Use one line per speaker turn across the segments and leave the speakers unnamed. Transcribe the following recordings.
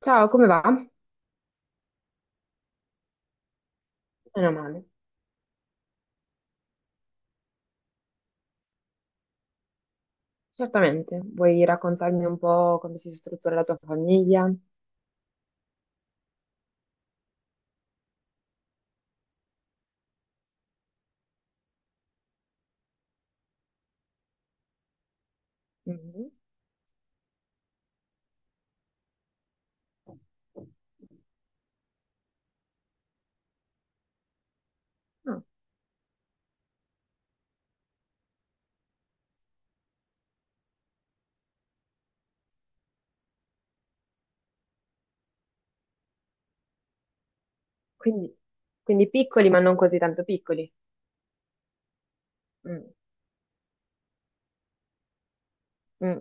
Ciao, come va? Meno male. Certamente. Vuoi raccontarmi un po' come si struttura la tua famiglia? Mhm. Ah, quindi, piccoli, ma non così tanto piccoli. Mm. Mm.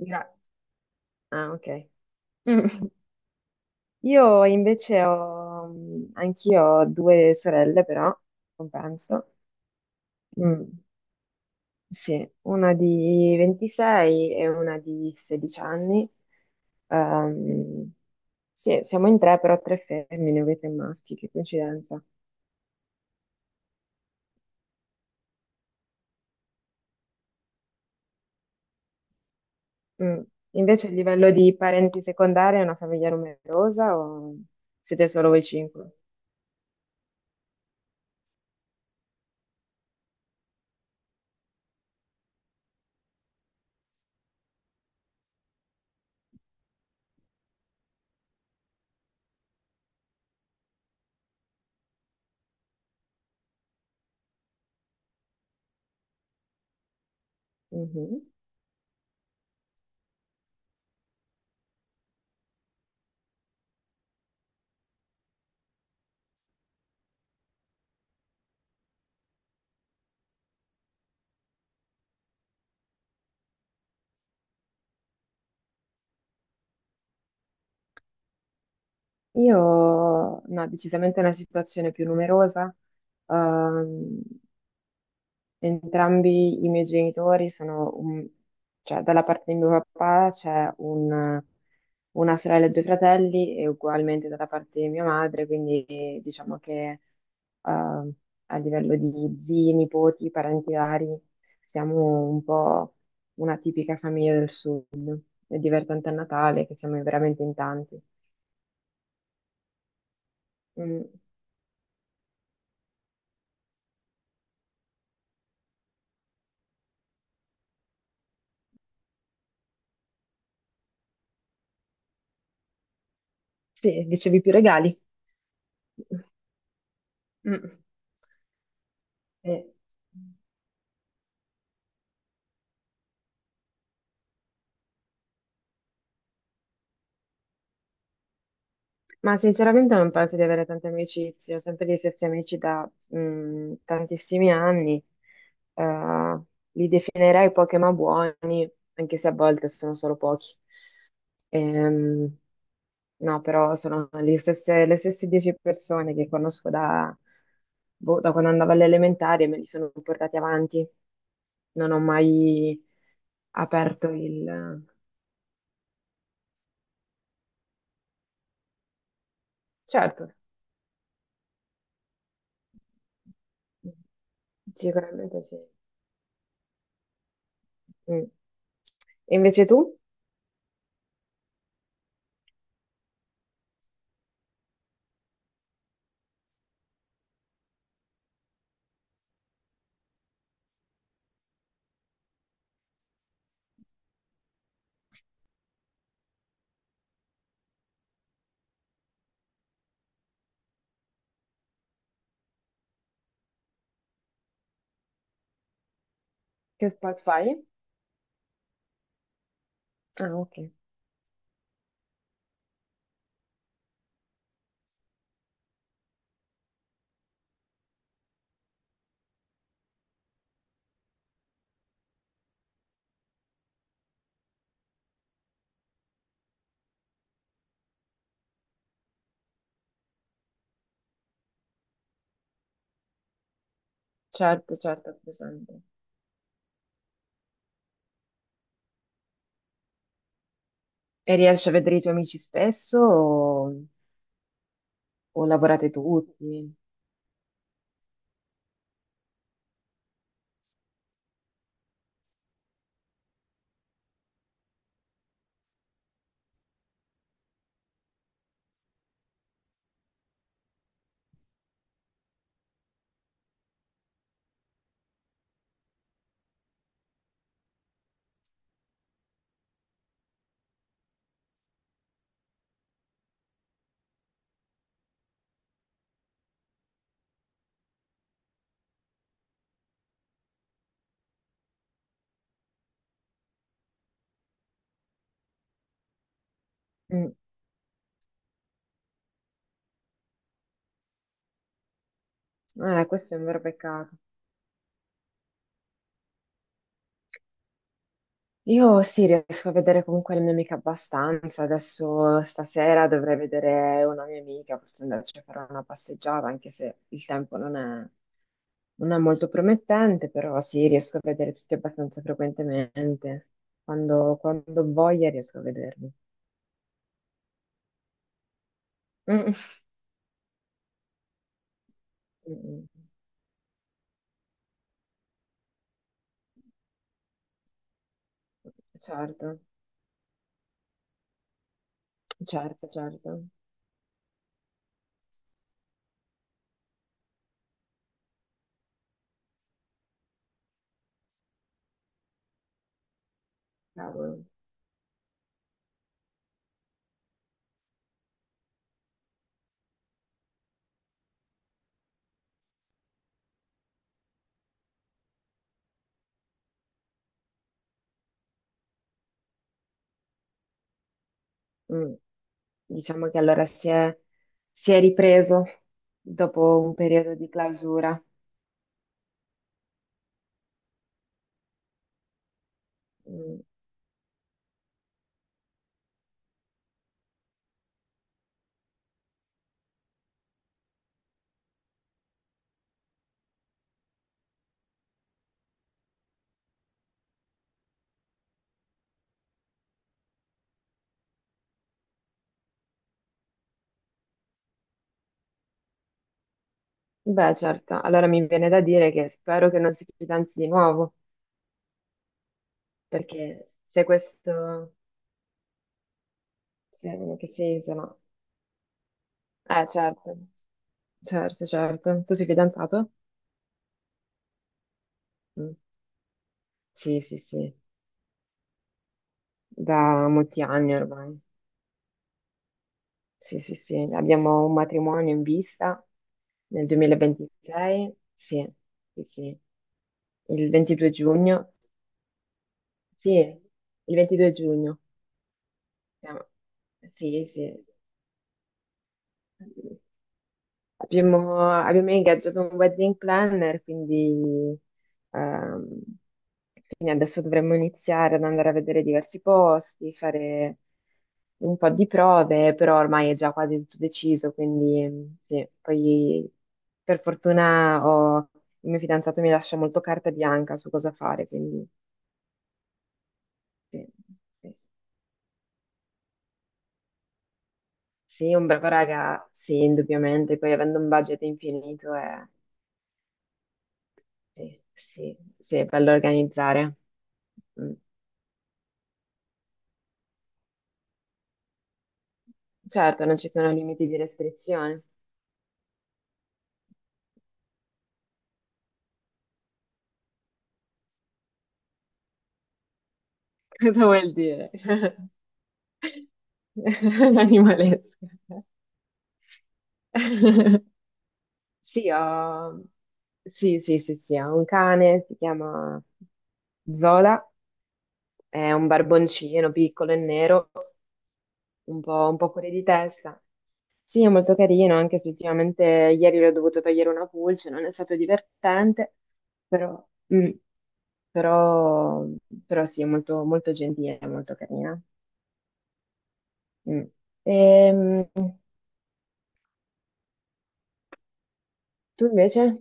Gra- Ah, ok. Mm. Io invece ho, anch'io ho due sorelle, però, compenso. Mm. Sì, una di 26 e una di 16 anni. Ehm, sì, siamo in tre, però tre femmine, voi tre maschi, che coincidenza. Mm. Invece a livello di parenti secondari è una famiglia numerosa o siete solo voi cinque? Mhm. Io, no, decisamente una situazione più numerosa. Ehm, Entrambi i miei genitori sono cioè dalla parte di mio papà una sorella e due fratelli e ugualmente dalla parte di mia madre, quindi diciamo che eh, a livello di zii, nipoti, parenti vari siamo un po' una tipica famiglia del sud. È divertente a Natale che siamo veramente in tanti. Mm, sì, ricevi più regali. Mm, eh. Ma sinceramente non penso di avere tante amicizie, ho sempre gli stessi amici da tantissimi anni. Eh, li definirei pochi ma buoni, anche se a volte sono solo pochi. Ehm, no, però sono gli le stesse 10 persone che conosco da, boh, da quando andavo alle elementari e me li sono portati avanti. Non ho mai aperto il... Certo, sicuramente sì. Mm. E invece tu che sport fai? Ah, ok, certo, certo, ho presente. E riesci a vedere i tuoi amici spesso o lavorate tutti? Mm. Questo è un vero peccato. Io sì, riesco a vedere comunque la mia amica abbastanza. Adesso stasera dovrei vedere una mia amica, forse andarci a fare una passeggiata, anche se il tempo non è, non è molto promettente, però sì, riesco a vedere tutti abbastanza frequentemente. Quando, quando ho voglia riesco a vederli. Mm. Mm. Certo, certo, certo. Cavolo. Mm. Diciamo che allora si è ripreso dopo un periodo di clausura. Mm. Beh, certo, allora mi viene da dire che spero che non si fidanzi di nuovo, perché se questo... Se che si isola... certo, certo, certo. Tu sei fidanzato? Mm. Sì, sì, sì, da molti anni ormai. Sì, sì, sì, abbiamo un matrimonio in vista nel 2026, sì, sì, sì, il 22 giugno, sì, il 22 giugno, siamo- sì, sì. Abbiamo, abbiamo ingaggiato un wedding planner, quindi, ehm, quindi adesso dovremmo iniziare ad andare a vedere diversi posti, fare un po' di prove, però ormai è già quasi tutto deciso, quindi mm, sì. Poi per fortuna il mio fidanzato mi lascia molto carta bianca su cosa fare, quindi sì, sì. Sì, un bravo raga, sì, indubbiamente, poi avendo un budget infinito è. Sì, sì, sì, è bello organizzare. Mm. Certo, non ci sono limiti di restrizione. Cosa vuol dire? Animalesco. Sì, ho... Sì, sì, sì, sì, ho un cane, si chiama Zola, è un barboncino piccolo e nero, un po' fuori di testa. Sì, è molto carino, anche se ultimamente ieri l'ho dovuto togliere una pulce, non è stato divertente, però... mm. però, però sì, è molto, molto gentile, molto carina. Mm. Ehm, tu invece?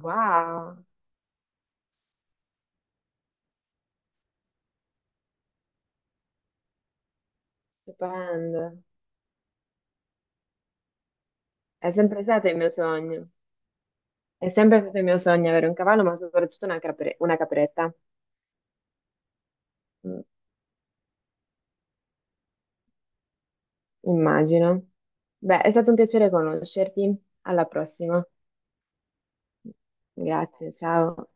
Wow, stupendo. È sempre stato il mio sogno. È sempre stato il mio sogno avere un cavallo, ma soprattutto una, una capretta. Mm, immagino. Beh, è stato un piacere conoscerti. Alla prossima. Grazie, ciao.